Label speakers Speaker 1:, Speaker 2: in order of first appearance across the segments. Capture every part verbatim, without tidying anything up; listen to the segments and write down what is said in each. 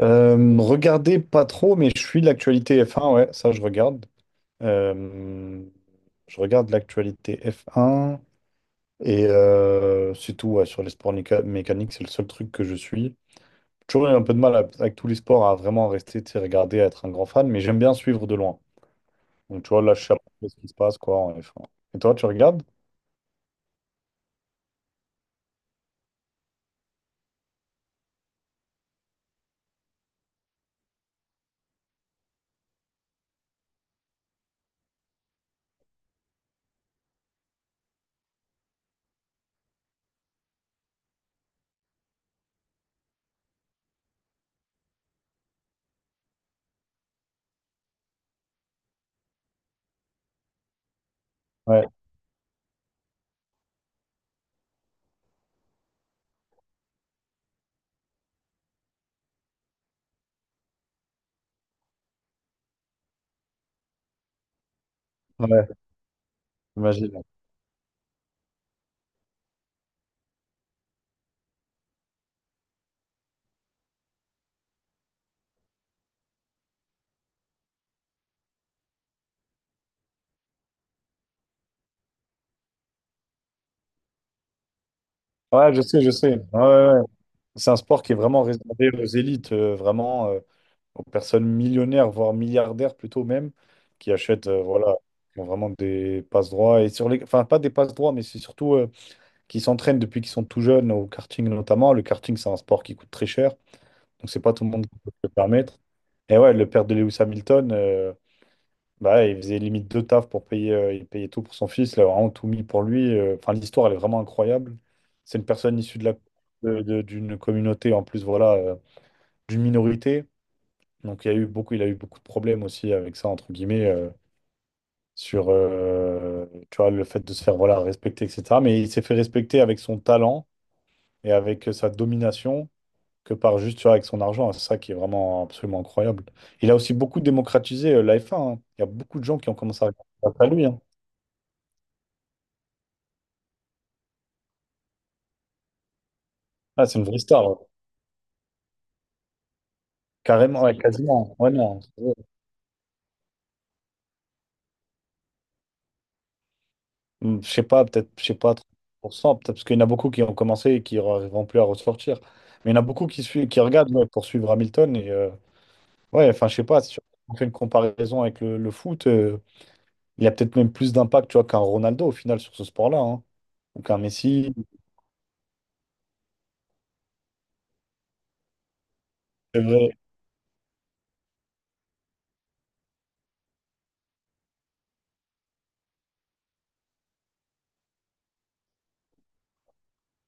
Speaker 1: Euh, regardez pas trop, mais je suis de l'actualité F un, ouais, ça je regarde. Euh, je regarde l'actualité F un et euh, c'est tout, ouais, sur les sports méca- mécaniques, c'est le seul truc que je suis. J'ai toujours eu un peu de mal à- avec tous les sports à vraiment rester, tu sais, regarder, à être un grand fan, mais j'aime bien suivre de loin. Donc tu vois, là je sais à peu près ce qui se passe quoi en F un. Et toi, tu regardes? Ouais, ouais, j'imagine. Ouais, je sais, je sais. Ouais, ouais, ouais. C'est un sport qui est vraiment réservé aux élites, euh, vraiment. Euh, aux personnes millionnaires, voire milliardaires plutôt même, qui achètent euh, voilà, qui ont vraiment des passe-droits. Et sur les... Enfin, pas des passe-droits, mais c'est surtout euh, qui s'entraînent depuis qu'ils sont tout jeunes, au karting notamment. Le karting, c'est un sport qui coûte très cher, donc c'est pas tout le monde qui peut se le permettre. Et ouais, le père de Lewis Hamilton, euh, bah, ouais, il faisait limite deux tafs pour payer, euh, il payait tout pour son fils, il a vraiment tout mis pour lui. euh, Enfin, l'histoire, elle est vraiment incroyable. C'est une personne issue de la, de- de- d'une communauté, en plus, voilà, euh, d'une minorité. Donc il y a eu beaucoup, il a eu beaucoup de problèmes aussi avec ça, entre guillemets, euh, sur euh, tu vois, le fait de se faire voilà, respecter, et cætera. Mais il s'est fait respecter avec son talent et avec euh, sa domination que par juste tu vois, avec son argent. C'est ça qui est vraiment absolument incroyable. Il a aussi beaucoup démocratisé euh, la F un, hein. Il y a beaucoup de gens qui ont commencé à regarder à lui, hein. Ah, c'est une vraie star, ouais. Carrément, ouais, quasiment. Ouais, non. Hum, je sais pas, peut-être, je sais pas, trente pour cent peut-être parce qu'il y en a beaucoup qui ont commencé et qui n'arriveront plus à ressortir. Mais il y en a beaucoup qui, suivent, qui regardent ouais, pour suivre Hamilton. Et, euh, Ouais, enfin, je sais pas, si on fait une comparaison avec le, le foot, euh, il y a peut-être même plus d'impact, tu vois, qu'un Ronaldo au final sur ce sport-là, hein. Ou qu'un Messi. C'est vrai.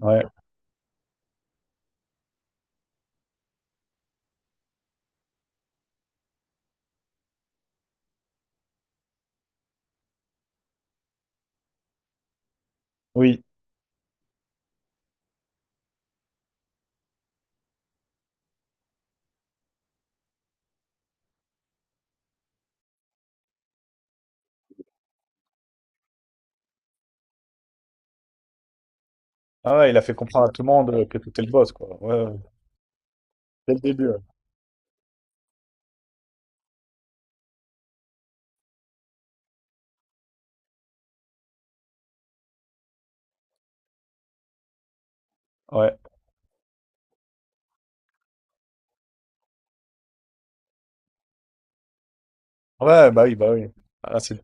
Speaker 1: Ouais, oui. Ah ouais, il a fait comprendre à tout le monde euh, que t'étais le boss, quoi. Ouais, ouais, dès le début. Ouais, ouais, ouais, bah oui, bah oui. Ah, c'est,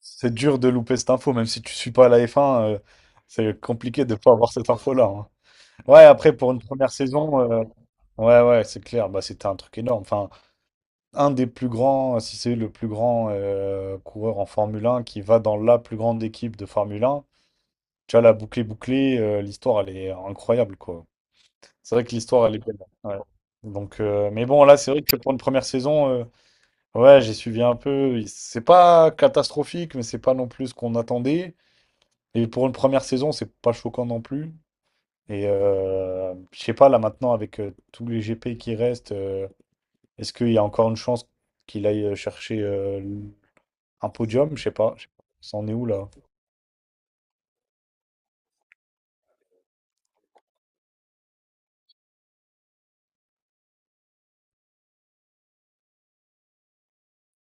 Speaker 1: c'est dur de louper cette info, même si tu suis pas à la F un, euh, c'est compliqué de pas avoir cette info-là, hein. Ouais, après, pour une première saison, euh, ouais, ouais, c'est clair, bah c'était un truc énorme. Enfin, un des plus grands, si c'est le plus grand euh, coureur en Formule un qui va dans la plus grande équipe de Formule un, tu vois, la bouclée bouclée, euh, l'histoire, elle est incroyable, quoi. C'est vrai que l'histoire, elle est belle, ouais. Donc, euh, mais bon, là, c'est vrai que pour une première saison, euh, ouais, j'ai suivi un peu. C'est pas catastrophique, mais c'est pas non plus ce qu'on attendait. Et pour une première saison, c'est pas choquant non plus. Et euh, je sais pas, là maintenant, avec euh, tous les G P qui restent, euh, est-ce qu'il y a encore une chance qu'il aille chercher euh, un podium, je sais pas. Je sais pas. Ça en est où là?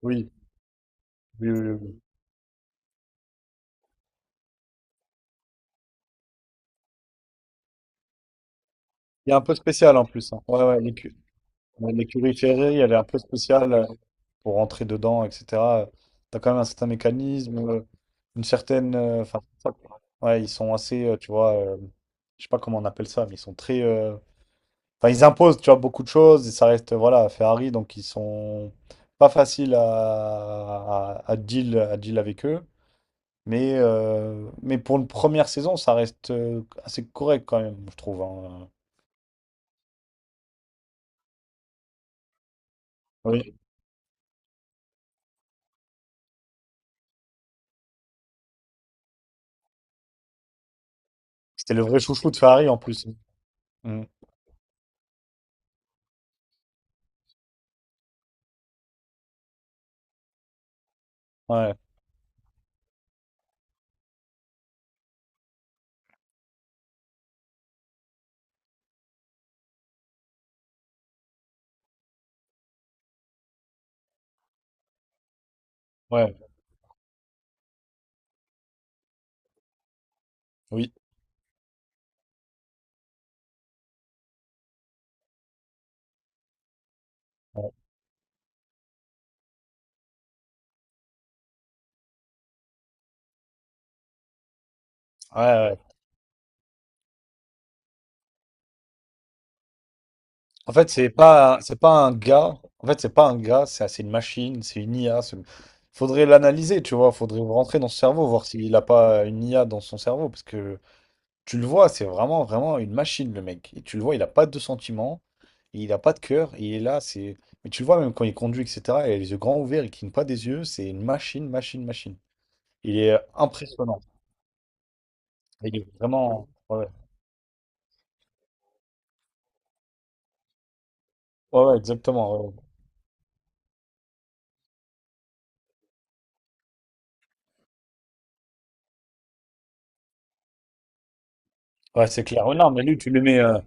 Speaker 1: Oui, oui, oui, oui. Il est un peu spécial en plus, hein. Ouais, ouais, l'écu- ouais, l'écurie Ferrari, elle est un peu spéciale euh, pour rentrer dedans, et cætera. T'as quand même un certain mécanisme, euh, une certaine. euh, Enfin, ça, quoi. Ouais, ils sont assez, euh, tu vois, euh, je sais pas comment on appelle ça, mais ils sont très. euh, Enfin, ils imposent, tu vois, beaucoup de choses et ça reste, euh, voilà, Ferrari, donc ils sont pas faciles à, à, à deal, à deal avec eux. Mais, euh, mais pour une première saison, ça reste euh, assez correct quand même, je trouve, hein. Oui. C'était le vrai chouchou de Ferrari en plus. Mm. Ouais, ouais, oui. Ouais, ouais, ouais. En fait, c'est pas, c'est pas un gars. En fait, c'est pas un gars, c'est c'est une machine, c'est une I A. c'est- Faudrait l'analyser, tu vois. Faudrait rentrer dans son cerveau, voir s'il a pas une I A dans son cerveau, parce que tu le vois, c'est vraiment, vraiment une machine, le mec. Et tu le vois, il n'a pas de sentiments, il n'a pas de cœur, il est là, c'est... Mais tu le vois même quand il conduit, et cætera, il a les yeux grands ouverts, il cligne pas des yeux, c'est une machine, machine, machine. Il est euh, impressionnant. Il est vraiment... Ouais, ouais, ouais, ouais, exactement. Ouais, ouais. Ouais, c'est clair. Ouais, non, mais lui, tu lui mets... euh,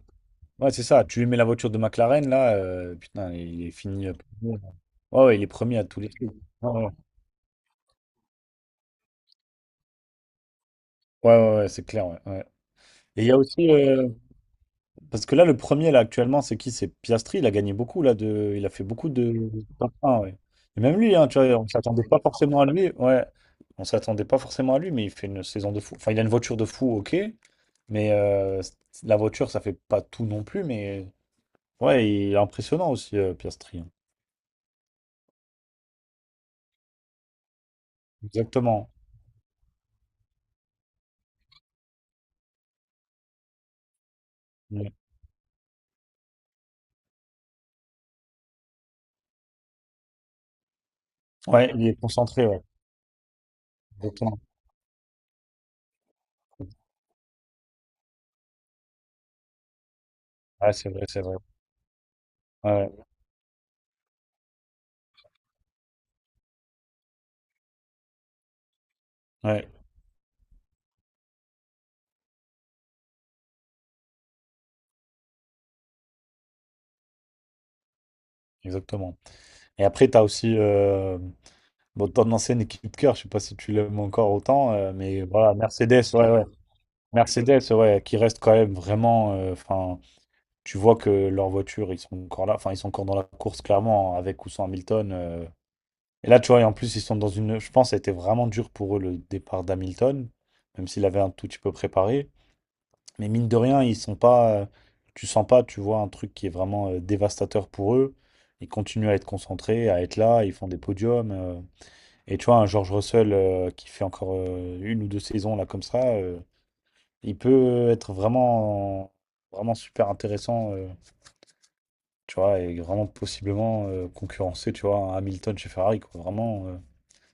Speaker 1: ouais, c'est ça, tu lui mets la voiture de McLaren, là, euh, putain, il est fini. Euh, premier. Ouais, ouais, il est premier à tous les trucs. Ouais, ouais, ouais, ouais, ouais, c'est clair, ouais, ouais. Et il y a aussi... euh, Parce que là, le premier, là, actuellement, c'est qui? C'est Piastri. Il a gagné beaucoup, là, de... il a fait beaucoup de. de top un, ouais. Et même lui, hein, tu vois, on s'attendait pas forcément à lui. Ouais, on s'attendait pas forcément à lui, mais il fait une saison de fou. Enfin, il a une voiture de fou, ok. Mais euh, la voiture, ça fait pas tout non plus. Mais ouais, il est impressionnant aussi, euh, Piastri, hein. Exactement. Ouais, Ouais, il est concentré, ouais. Exactement. Ouais, c'est vrai, c'est vrai. Ouais, ouais, exactement. Et après, tu as aussi euh, bon, ton ancienne équipe cœur, je sais pas si tu l'aimes encore autant, euh, mais voilà, Mercedes, ouais, ouais. Mercedes, ouais, qui reste quand même vraiment. euh, Enfin, tu vois que leurs voitures, ils sont encore là. Enfin, ils sont encore dans la course, clairement, avec ou sans Hamilton. euh. Et là, tu vois, et en plus, ils sont dans une. Je pense que ça a été vraiment dur pour eux le départ d'Hamilton, même s'il avait un tout petit peu préparé. Mais mine de rien, ils sont pas. euh, Tu sens pas, tu vois, un truc qui est vraiment euh, dévastateur pour eux. Ils continuent à être concentrés, à être là, ils font des podiums. euh. Et tu vois, un George Russell euh, qui fait encore euh, une ou deux saisons là comme ça, euh, il peut être vraiment, vraiment super intéressant, euh, tu vois, et vraiment possiblement euh, concurrencer, tu vois, un Hamilton chez Ferrari, quoi. Vraiment, euh,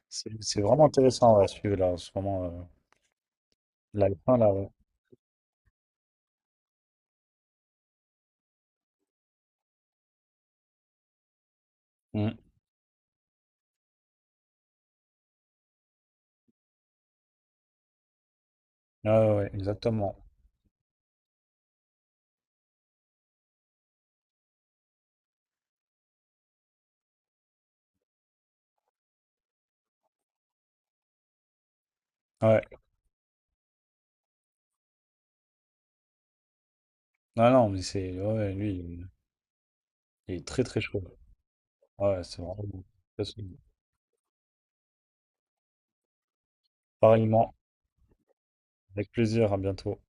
Speaker 1: c'est c'est vraiment intéressant ouais, à suivre là en ce moment. Euh, la F un, là, ouais. Mm. Ouais, ouais, ouais, exactement. Ouais, non, non, mais c'est, ouais, ouais, lui, il est il est très très chaud. Ouais, c'est vraiment bon. Pareillement, avec plaisir, à bientôt.